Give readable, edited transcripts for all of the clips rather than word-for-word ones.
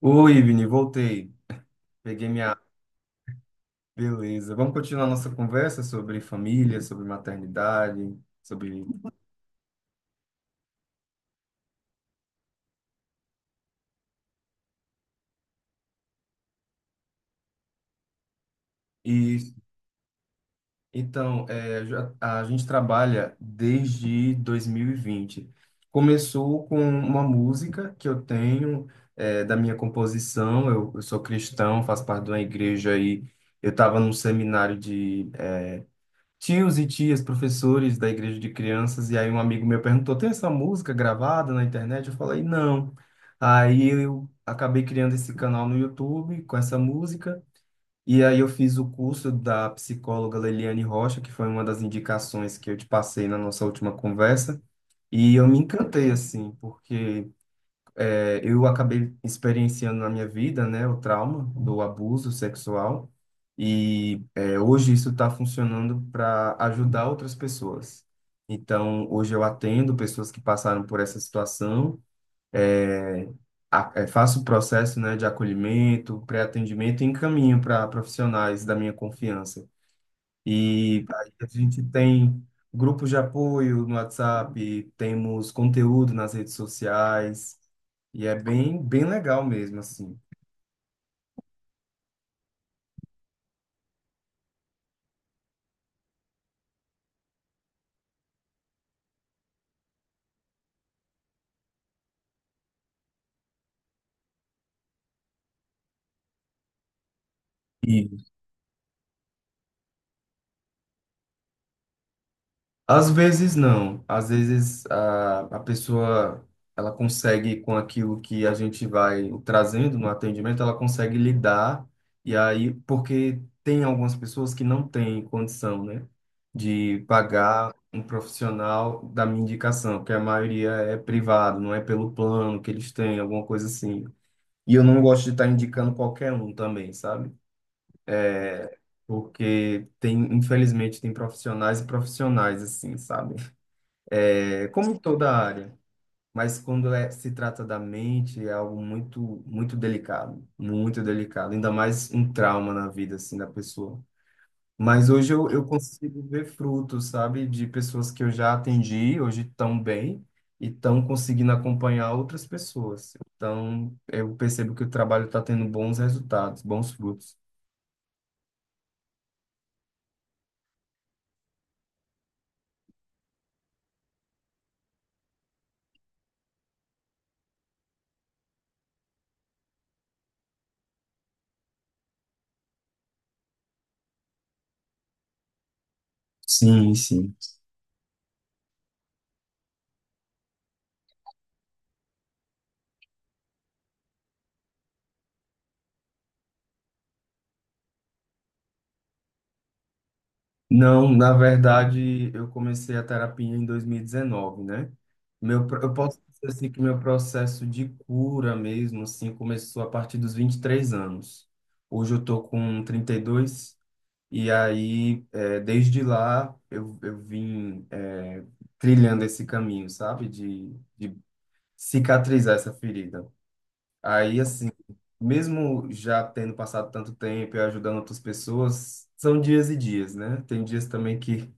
Oi, Ivni, voltei. Peguei minha água. Beleza. Vamos continuar nossa conversa sobre família, sobre maternidade, sobre isso. A gente trabalha desde 2020. Começou com uma música que eu tenho, da minha composição. Eu sou cristão, faço parte de uma igreja e eu estava num seminário, tios e tias, professores da igreja de crianças, e aí um amigo meu perguntou: tem essa música gravada na internet? Eu falei: não. Aí eu acabei criando esse canal no YouTube com essa música, e aí eu fiz o curso da psicóloga Leliane Rocha, que foi uma das indicações que eu te passei na nossa última conversa, e eu me encantei, assim. Porque. Eu acabei experienciando na minha vida, né, o trauma do abuso sexual e hoje isso está funcionando para ajudar outras pessoas. Então, hoje eu atendo pessoas que passaram por essa situação, é, faço o processo, né, de acolhimento, pré-atendimento, e encaminho para profissionais da minha confiança. E aí a gente tem grupos de apoio no WhatsApp, temos conteúdo nas redes sociais, e é bem, bem legal mesmo, assim. Às vezes não. Às vezes a pessoa, ela consegue com aquilo que a gente vai trazendo no atendimento, ela consegue lidar. E aí porque tem algumas pessoas que não têm condição, né, de pagar um profissional da minha indicação, que a maioria é privado, não é pelo plano que eles têm, alguma coisa assim. E eu não gosto de estar indicando qualquer um também, sabe? Porque tem, infelizmente, tem profissionais e profissionais assim, sabe? É como em toda área, mas quando se trata da mente, é algo muito, muito delicado, ainda mais um trauma na vida, assim, da pessoa. Mas hoje eu consigo ver frutos, sabe, de pessoas que eu já atendi, hoje estão bem e estão conseguindo acompanhar outras pessoas. Então, eu percebo que o trabalho está tendo bons resultados, bons frutos. Sim, sim. Não, na verdade, eu comecei a terapia em 2019, né? Eu posso dizer assim que meu processo de cura mesmo, assim, começou a partir dos 23 anos. Hoje eu tô com 32 e dois, e aí, desde lá, eu vim, trilhando esse caminho, sabe? De cicatrizar essa ferida. Aí, assim, mesmo já tendo passado tanto tempo e ajudando outras pessoas, são dias e dias, né? Tem dias também que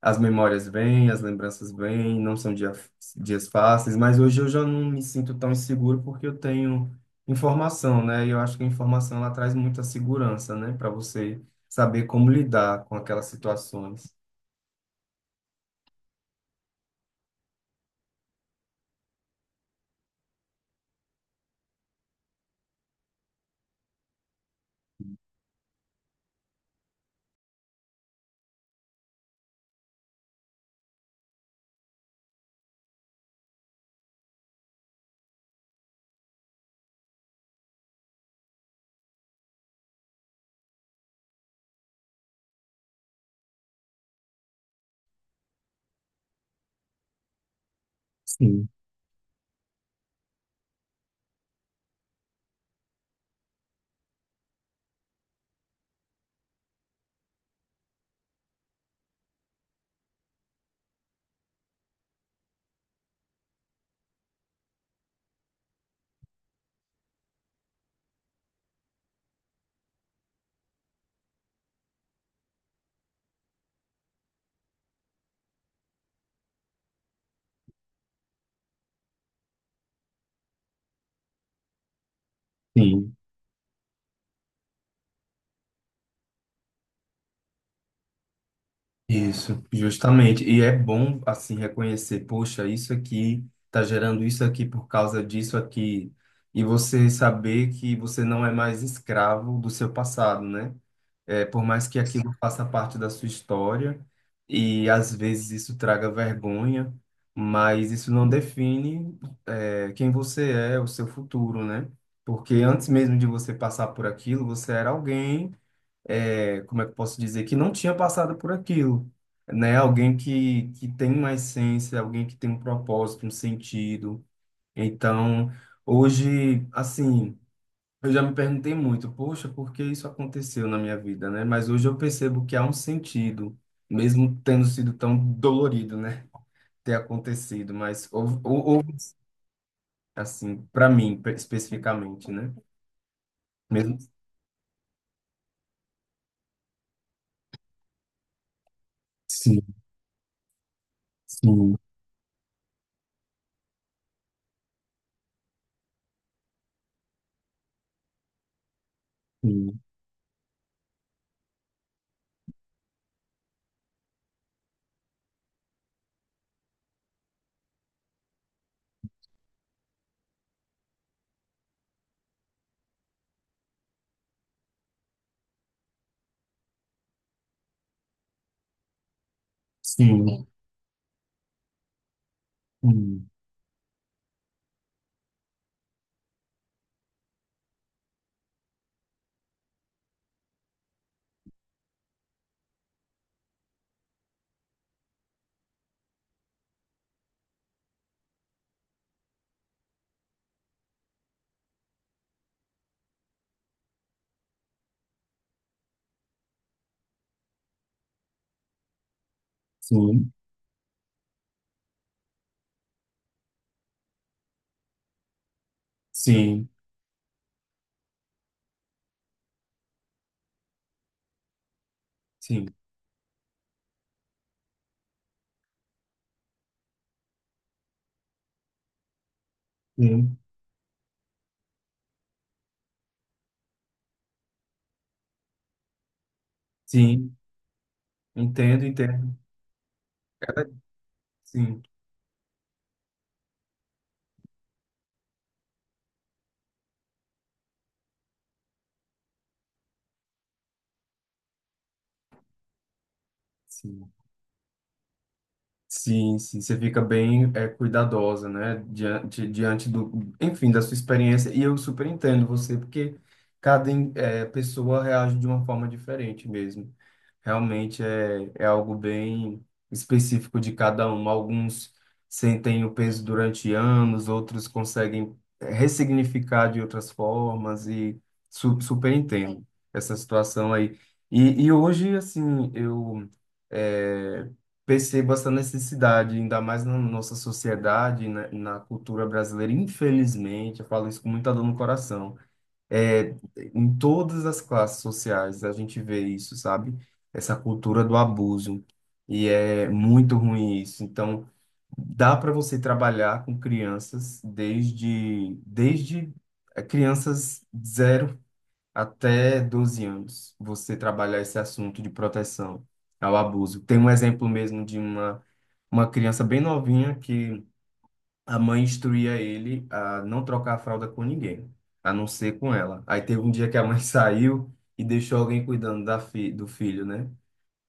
as memórias vêm, as lembranças vêm, não são dia, dias fáceis, mas hoje eu já não me sinto tão inseguro porque eu tenho informação, né? E eu acho que a informação, ela traz muita segurança, né? Para você saber como lidar com aquelas situações. Sim, sim, isso, justamente. E é bom, assim, reconhecer, poxa, isso aqui tá gerando isso aqui por causa disso aqui. E você saber que você não é mais escravo do seu passado, né? É, por mais que aquilo faça parte da sua história e às vezes isso traga vergonha, mas isso não define, é, quem você é, o seu futuro, né? Porque antes mesmo de você passar por aquilo, você era alguém, é, como é que eu posso dizer, que não tinha passado por aquilo, né? Alguém que tem uma essência, alguém que tem um propósito, um sentido. Então, hoje, assim. Eu já me perguntei muito, poxa, por que isso aconteceu na minha vida, né? Mas hoje eu percebo que há um sentido, mesmo tendo sido tão dolorido, né? Ter acontecido, mas houve, assim, para mim, especificamente, né? Mesmo... Sim, sim, sim, sim, sim, sim, sim, sim, sim, sim. Entendo, entendo. Sim, sim. Sim, sim, você fica bem, é, cuidadosa, né? Diante, diante do, enfim, da sua experiência. E eu super entendo você, porque pessoa reage de uma forma diferente mesmo. Realmente é, é algo bem específico de cada um. Alguns sentem o peso durante anos, outros conseguem ressignificar de outras formas e su super entendo essa situação aí. E hoje, assim, eu, eh, percebo essa necessidade, ainda mais na nossa sociedade, na cultura brasileira. Infelizmente, eu falo isso com muita dor no coração. É, em todas as classes sociais a gente vê isso, sabe? Essa cultura do abuso. E é muito ruim isso. Então, dá para você trabalhar com crianças desde crianças zero até 12 anos, você trabalhar esse assunto de proteção ao abuso. Tem um exemplo mesmo de uma criança bem novinha, que a mãe instruía ele a não trocar a fralda com ninguém, a não ser com ela. Aí teve um dia que a mãe saiu e deixou alguém cuidando do filho, né?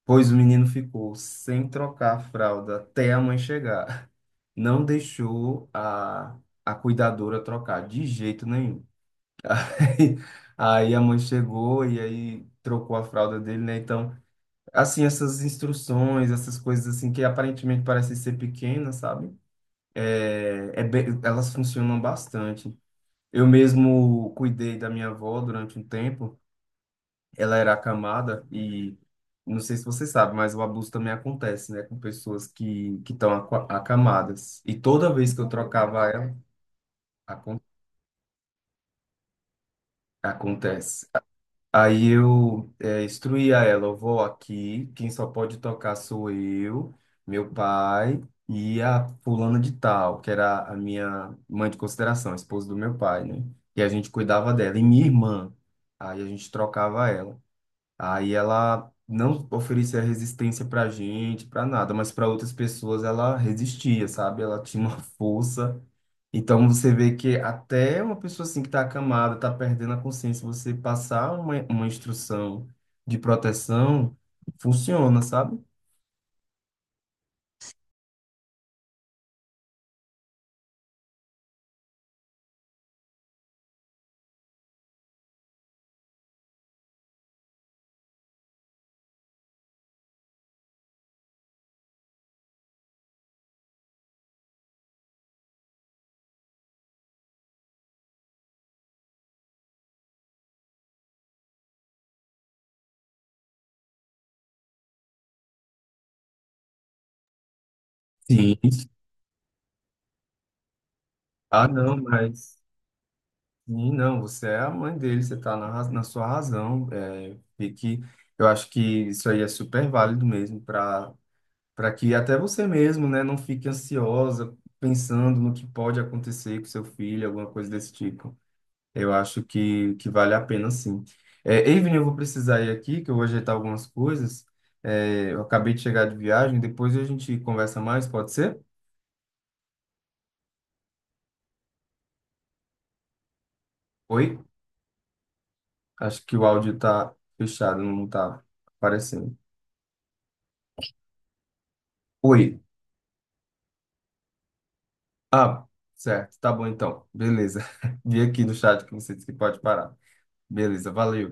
Pois o menino ficou sem trocar a fralda até a mãe chegar. Não deixou a cuidadora trocar de jeito nenhum. Aí a mãe chegou e aí trocou a fralda dele, né? Então, assim, essas instruções, essas coisas assim que aparentemente parecem ser pequenas, sabe? Elas funcionam bastante. Eu mesmo cuidei da minha avó durante um tempo. Ela era acamada e não sei se você sabe, mas o abuso também acontece, né? Com pessoas que estão acamadas. E toda vez que eu trocava ela, acon- acontece. Aí eu, é, instruí a ela, eu vou aqui, quem só pode tocar sou eu, meu pai e a fulana de tal, que era a minha mãe de consideração, a esposa do meu pai, né? E a gente cuidava dela, e minha irmã, aí a gente trocava ela. Aí ela não oferecia resistência pra gente, pra nada, mas para outras pessoas ela resistia, sabe? Ela tinha uma força. Então você vê que até uma pessoa assim que tá acamada, tá perdendo a consciência, você passar uma instrução de proteção funciona, sabe? Sim. Ah, não, mas sim, não, você é a mãe dele, você tá na, na sua razão. É, e que eu acho que isso aí é super válido mesmo para para que até você mesmo, né, não fique ansiosa pensando no que pode acontecer com seu filho, alguma coisa desse tipo. Eu acho que vale a pena, sim. É, Evelyn, eu vou precisar ir aqui, que eu vou ajeitar algumas coisas. É, eu acabei de chegar de viagem, depois a gente conversa mais, pode ser? Oi? Acho que o áudio tá fechado, não tá aparecendo. Oi. Ah, certo, tá bom então. Beleza. Vi aqui no chat que você disse que pode parar. Beleza, valeu.